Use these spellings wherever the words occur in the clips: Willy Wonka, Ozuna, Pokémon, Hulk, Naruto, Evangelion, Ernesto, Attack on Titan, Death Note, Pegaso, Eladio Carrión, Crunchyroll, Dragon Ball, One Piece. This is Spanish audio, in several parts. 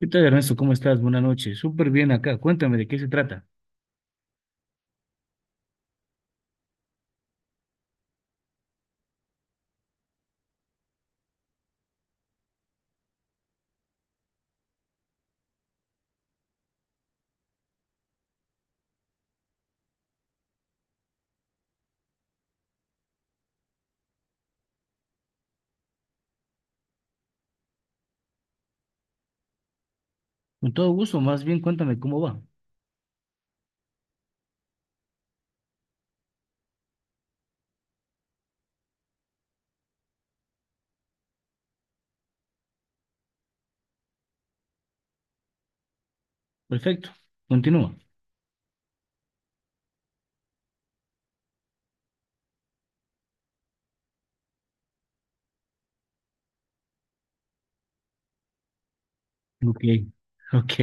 ¿Qué tal, Ernesto? ¿Cómo estás? Buenas noches. Súper bien acá. Cuéntame de qué se trata. Con todo gusto, más bien cuéntame cómo va. Perfecto. Continúa. Ok, ok,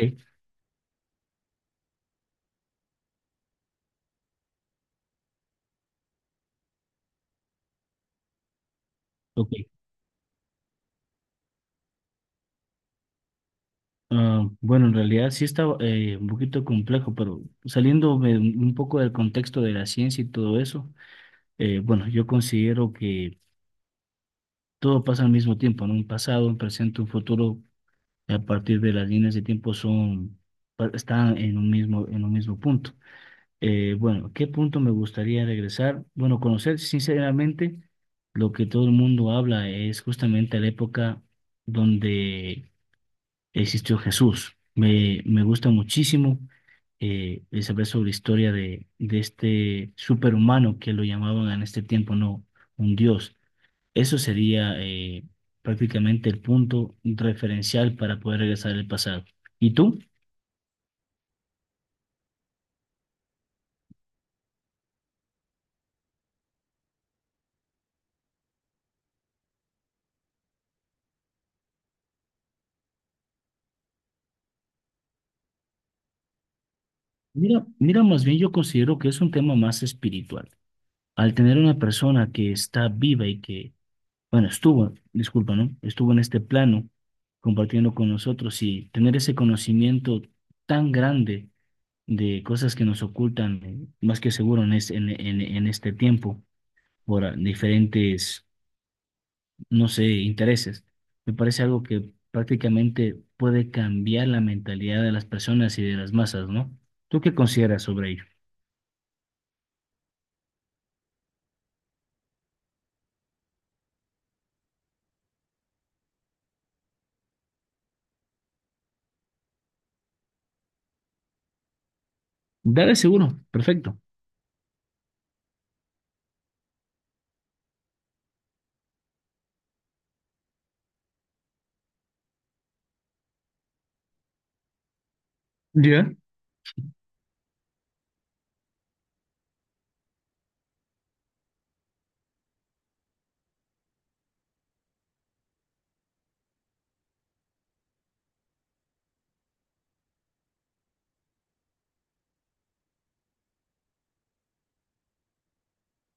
ok. Ah, bueno, en realidad sí está un poquito complejo, pero saliéndome un poco del contexto de la ciencia y todo eso, bueno, yo considero que todo pasa al mismo tiempo, ¿no? Un pasado, un presente, un futuro, a partir de las líneas de tiempo son, están en un mismo punto. Bueno, ¿qué punto me gustaría regresar? Bueno, conocer sinceramente lo que todo el mundo habla es justamente la época donde existió Jesús. Me gusta muchísimo el saber sobre la historia de este superhumano que lo llamaban en este tiempo, no, un dios. Eso sería prácticamente el punto referencial para poder regresar al pasado. ¿Y tú? Mira, mira, más bien yo considero que es un tema más espiritual. Al tener una persona que está viva y que, bueno, estuvo, disculpa, ¿no? Estuvo en este plano compartiendo con nosotros y tener ese conocimiento tan grande de cosas que nos ocultan, más que seguro en, es- en este tiempo, por diferentes, no sé, intereses. Me parece algo que prácticamente puede cambiar la mentalidad de las personas y de las masas, ¿no? ¿Tú qué consideras sobre ello? Dale seguro, perfecto. Ya.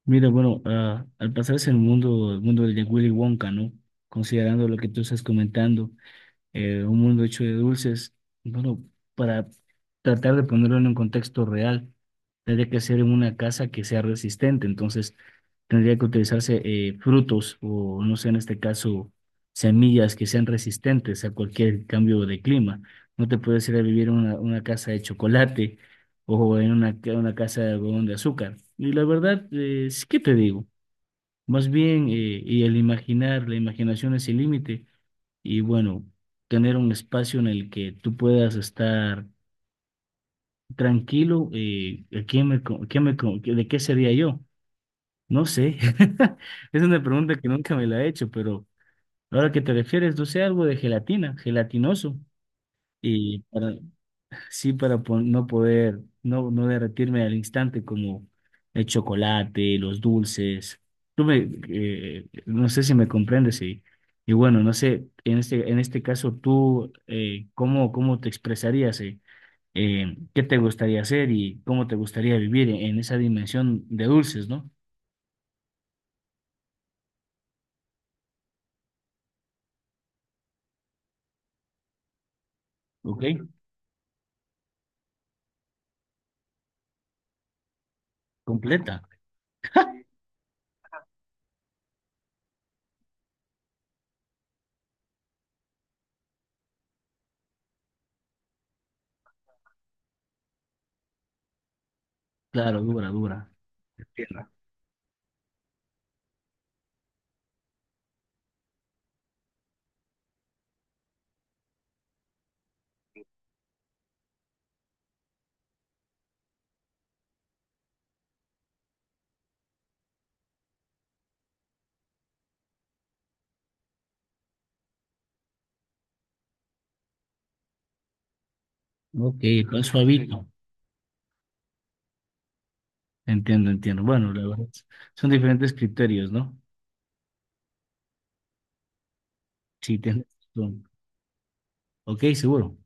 Mira, bueno, ah, al pasarse el mundo de Willy Wonka, ¿no? Considerando lo que tú estás comentando un mundo hecho de dulces. Bueno, para tratar de ponerlo en un contexto real, tendría que ser en una casa que sea resistente, entonces tendría que utilizarse frutos o, no sé, en este caso, semillas que sean resistentes a cualquier cambio de clima. No te puedes ir a vivir en una casa de chocolate o en una casa de algodón de azúcar. Y la verdad, sí que te digo, más bien, y el imaginar, la imaginación es el límite y bueno, tener un espacio en el que tú puedas estar tranquilo. ¿De qué sería yo? No sé. Es una pregunta que nunca me la he hecho, pero ahora que te refieres, no sé, algo de gelatina, gelatinoso. Y para, sí, para no poder, no, no derretirme al instante como el chocolate, los dulces. No sé si me comprendes y bueno, no sé, en este caso tú, ¿cómo, cómo te expresarías, eh? ¿Qué te gustaría hacer y cómo te gustaría vivir en esa dimensión de dulces, ¿no? ¿Ok? Completa. Claro, dura, dura. Entiendo. Ok, con suavito. Entiendo, entiendo. Bueno, la verdad, son diferentes criterios, ¿no? Sí, tienes razón. Ok, seguro.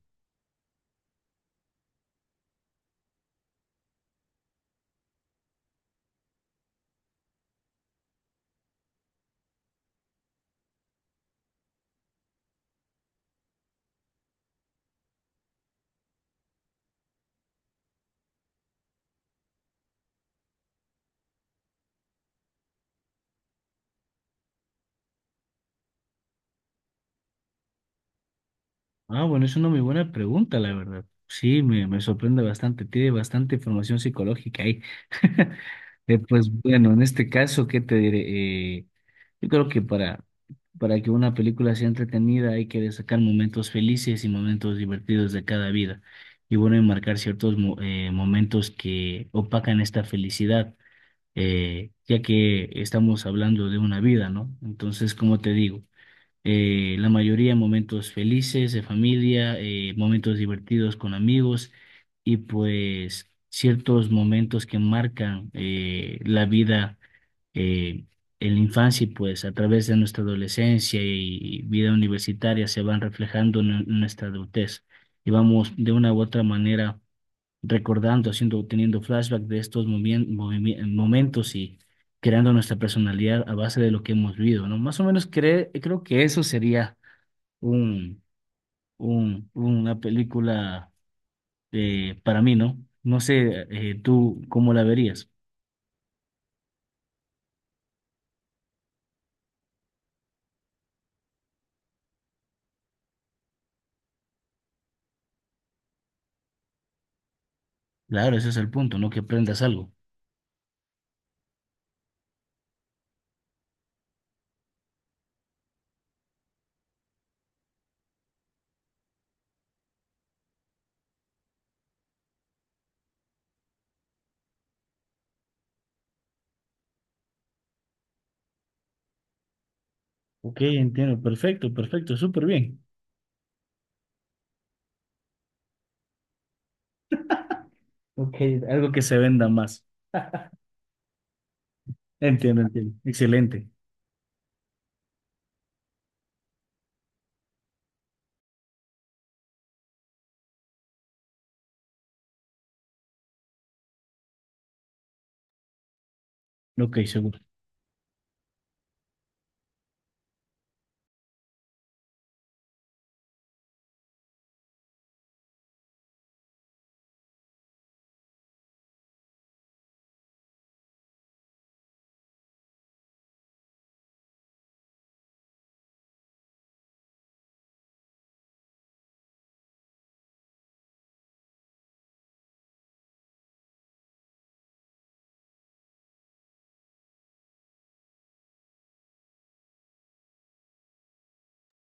Ah, bueno, es una muy buena pregunta, la verdad. Sí, me sorprende bastante. Tiene bastante información psicológica ahí. Pues bueno, en este caso, ¿qué te diré? Yo creo que para que una película sea entretenida hay que destacar momentos felices y momentos divertidos de cada vida. Y bueno, enmarcar ciertos momentos que opacan esta felicidad, ya que estamos hablando de una vida, ¿no? Entonces, ¿como te digo? Eh, la mayoría momentos felices de familia, momentos divertidos con amigos y pues ciertos momentos que marcan la vida eh, en la infancia y pues a través de nuestra adolescencia y vida universitaria se van reflejando en nuestra adultez y vamos de una u otra manera recordando, haciendo, teniendo flashback de estos momentos y creando nuestra personalidad a base de lo que hemos vivido, ¿no? Más o menos creo que eso sería un, una película para mí, ¿no? No sé, tú cómo la verías. Claro, ese es el punto, ¿no? Que aprendas algo. Ok, entiendo, perfecto, perfecto, súper bien. Ok, algo que se venda más. Entiendo, entiendo. Excelente. Ok, seguro.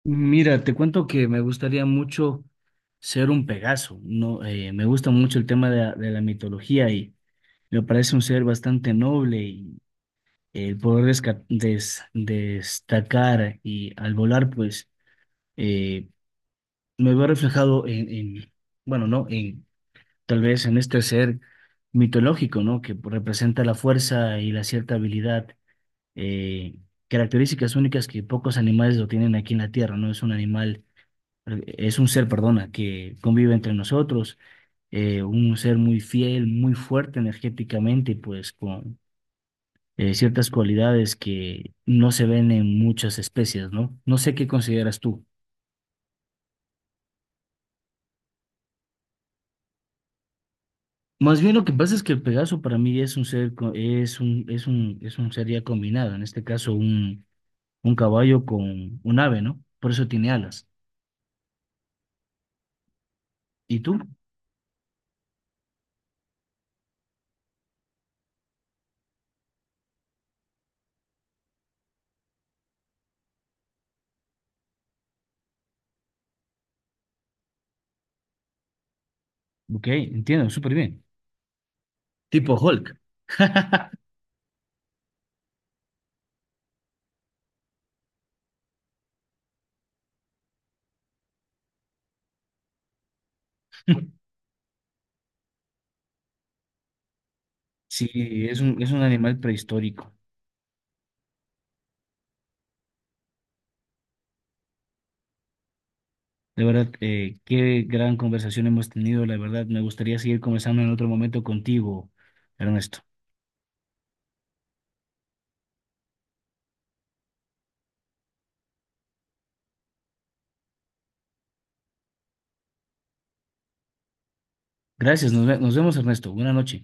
Mira, te cuento que me gustaría mucho ser un Pegaso, ¿no? Me gusta mucho el tema de de la mitología y me parece un ser bastante noble y el poder destacar y al volar, pues eh, me veo reflejado bueno, ¿no? En, tal vez en este ser mitológico, ¿no? Que representa la fuerza y la cierta habilidad, eh, características únicas que pocos animales lo tienen aquí en la Tierra, ¿no? Es un ser, perdona, que convive entre nosotros, un ser muy fiel, muy fuerte energéticamente, pues con ciertas cualidades que no se ven en muchas especies, ¿no? No sé qué consideras tú. Más bien lo que pasa es que el Pegaso para mí es un ser, co- es un, es un, es un ser ya combinado, en este caso un caballo con un ave, ¿no? Por eso tiene alas. ¿Y tú? Ok, entiendo, súper bien. Tipo Hulk. Sí, es un animal prehistórico. De verdad, qué gran conversación hemos tenido. La verdad, me gustaría seguir conversando en otro momento contigo, Ernesto. Gracias, nos vemos, Ernesto. Buenas noches.